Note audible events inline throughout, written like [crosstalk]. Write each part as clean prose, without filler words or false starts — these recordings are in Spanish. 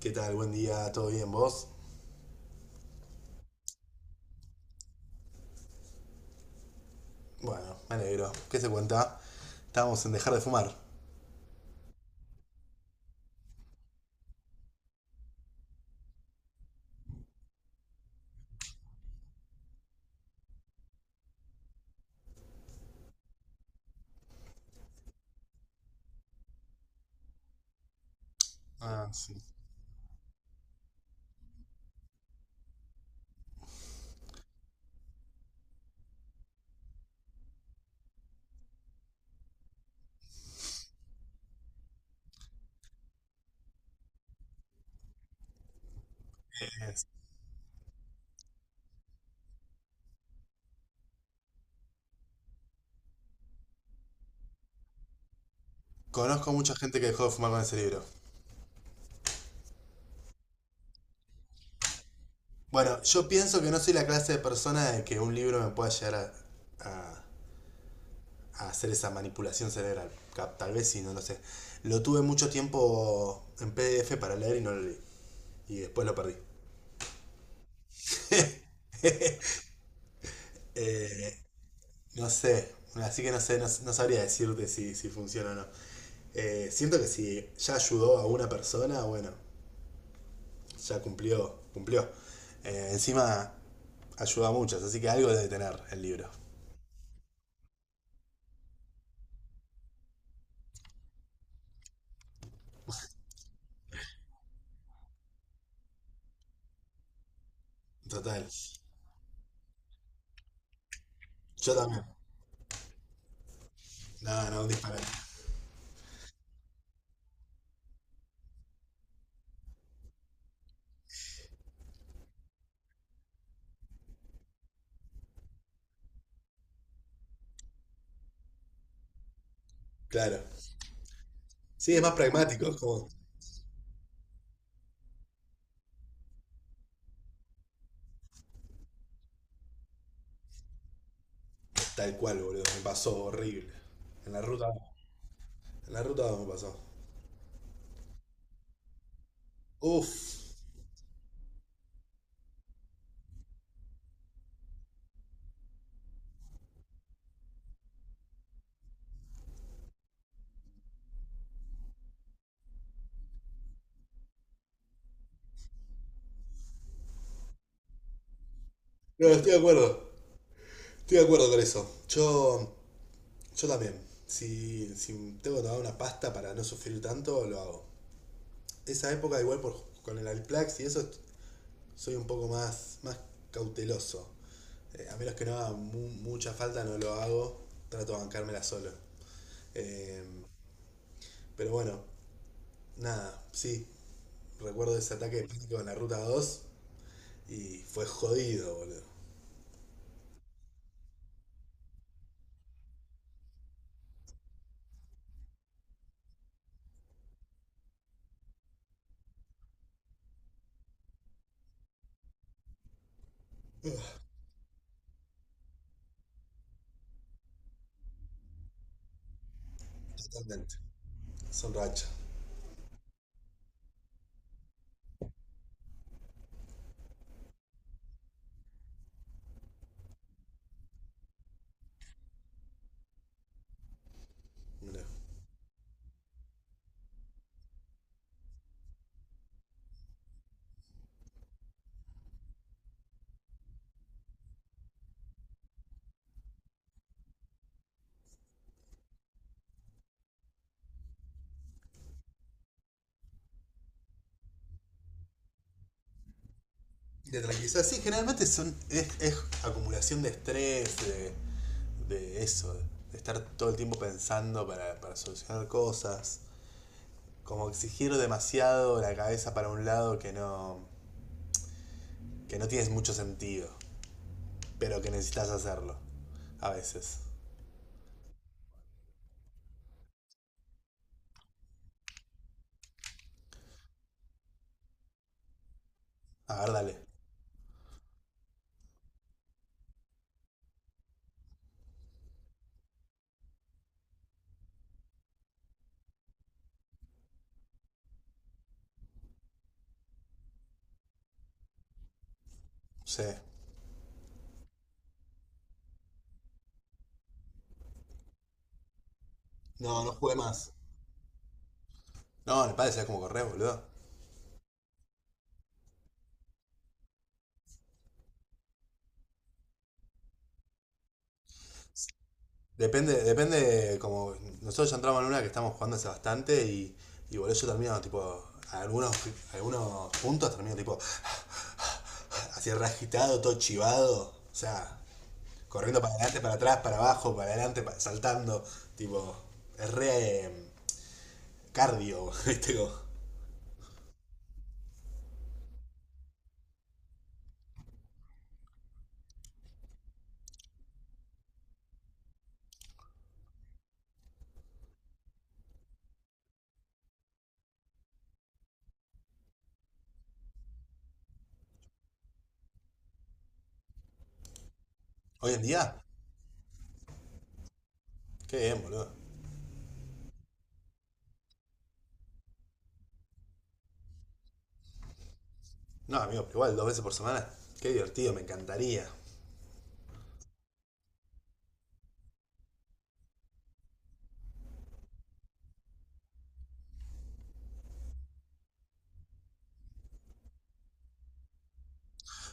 ¿Qué tal? Buen día, ¿todo bien vos? Bueno, me alegro. ¿Qué se cuenta? Estábamos en dejar de fumar. Ah, sí. Es. Conozco mucha gente que dejó de fumar con ese libro. Bueno, yo pienso que no soy la clase de persona de que un libro me pueda llegar a- a hacer esa manipulación cerebral. Tal vez sí, no lo sé. Lo tuve mucho tiempo en PDF para leer y no lo leí. Y después lo perdí. Eh, no sé, así que no sé, no, no sabría decirte si funciona o no. Siento que si ya ayudó a una persona, bueno, ya cumplió, cumplió. Encima ayuda a muchos, así que algo debe tener el libro. Total. Yo también. No, no, un disparate. Claro. Sí, es más pragmático, es como tal cual, boludo. Me pasó horrible. En la ruta. En la ruta me pasó. Uf. No, estoy de acuerdo. Estoy de acuerdo con eso. Yo. Yo también. Si tengo que tomar una pasta para no sufrir tanto, lo hago. Esa época igual por, con el Alplax y eso soy un poco más cauteloso. A menos que no haga mucha falta, no lo hago. Trato de bancármela solo. Eh, pero bueno, nada, sí. Recuerdo ese ataque de pánico en la ruta 2 y fue jodido, boludo. Totalmente. Son rachas, boludo. Y te tranquilizas. Sí, generalmente son, es acumulación de estrés, de eso, de estar todo el tiempo pensando para solucionar cosas. Como exigir demasiado la cabeza para un lado que no tienes mucho sentido, pero que necesitas hacerlo. A veces. A ver, dale. Sí. No, no jugué más. No, en el padre sea como correr, boludo. Depende, depende, como nosotros ya entramos en una que estamos jugando hace bastante y boludo, yo termino tipo, algunos puntos termino tipo, [sighs] así rasquitado, todo chivado, o sea, corriendo para adelante, para atrás, para abajo, para adelante, saltando, tipo, es re cardio, [laughs] ¿viste? Como, hoy en día. Qué bien, boludo. No, amigo, pero igual dos veces por semana. Qué divertido, me encantaría.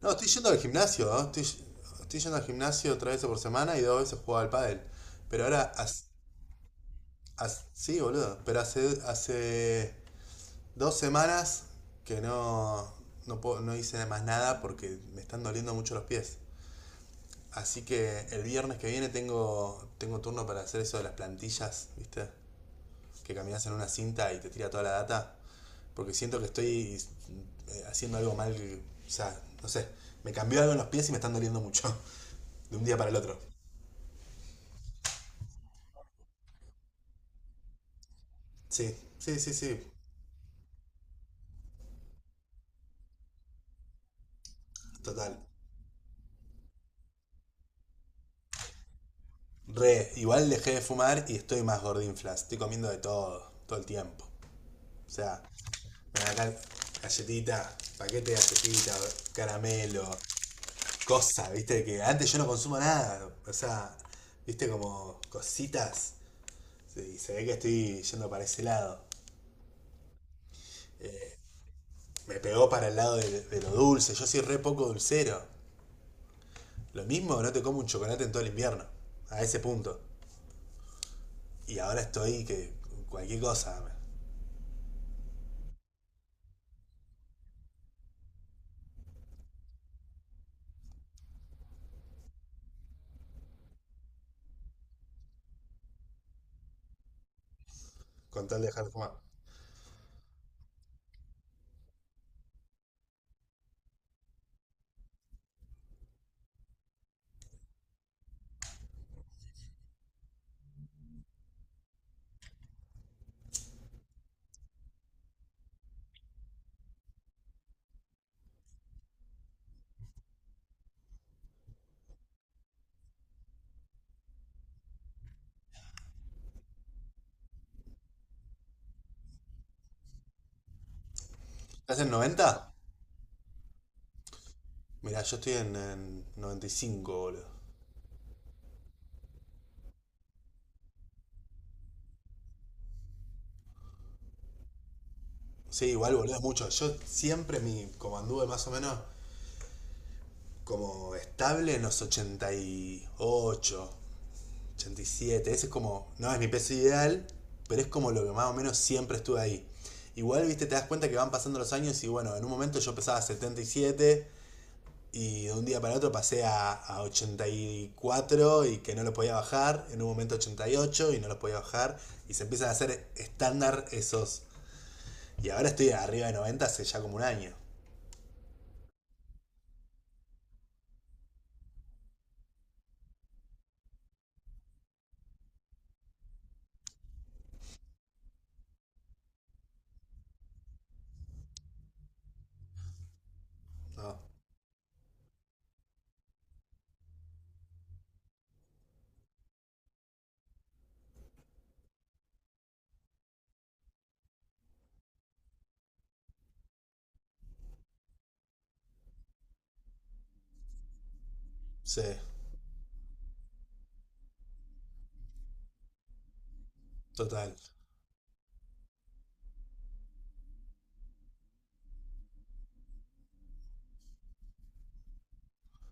No, estoy yendo al gimnasio. ¿No? Estoy yendo al gimnasio tres veces por semana y dos veces juego al pádel. Pero ahora, sí, boludo. Pero hace 2 semanas que no, no hice más nada porque me están doliendo mucho los pies. Así que el viernes que viene tengo turno para hacer eso de las plantillas, ¿viste? Que caminas en una cinta y te tira toda la data. Porque siento que estoy haciendo algo mal. O sea, no sé. Me cambió algo en los pies y me están doliendo mucho. [laughs] De un día para el otro. Sí, sí, sí, sí. Total. Re, igual dejé de fumar y estoy más gordinflas. Estoy comiendo de todo, todo el tiempo. O sea, me dan acá galletita, paquete de galletita, caramelo, cosa, viste, que antes yo no consumo nada. O sea, viste, como cositas. Sí, se ve que estoy yendo para ese lado. Me pegó para el lado de lo dulce. Yo soy re poco dulcero. Lo mismo no te como un chocolate en todo el invierno. A ese punto. Y ahora estoy que cualquier cosa. Con tal de dejar de fumar. ¿Estás en 90? Mirá, yo estoy en 95, boludo. Sí, igual, boludo, es mucho. Yo siempre como anduve más o menos como estable en los 88, 87. Ese es como, no es mi peso ideal, pero es como lo que más o menos siempre estuve ahí. Igual, viste, te das cuenta que van pasando los años y bueno, en un momento yo pesaba 77 y de un día para otro pasé a 84 y cuatro, y que no lo podía bajar, en un momento 88 y no lo podía bajar y se empiezan a hacer estándar esos. Y ahora estoy arriba de 90 hace ya como un año, ¿no? Sí, total.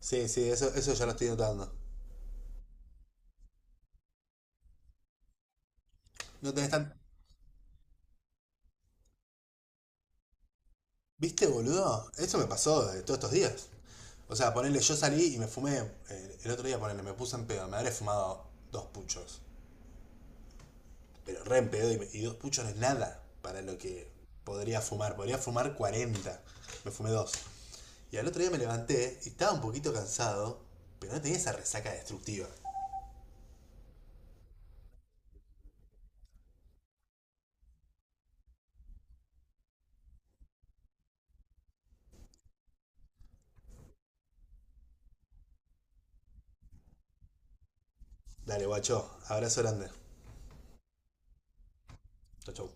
Sí, sí, eso ya lo estoy notando. No tenés tan. ¿Viste, boludo? Eso me pasó de todos estos días. O sea, ponerle, yo salí y me fumé, el otro día ponerle, me puse en pedo, me habré fumado dos puchos. Pero re en pedo y dos puchos no es nada para lo que podría fumar. Podría fumar 40. Me fumé dos. Y al otro día me levanté y estaba un poquito cansado, pero no tenía esa resaca destructiva. Dale, guacho. Abrazo grande. Chau, chau.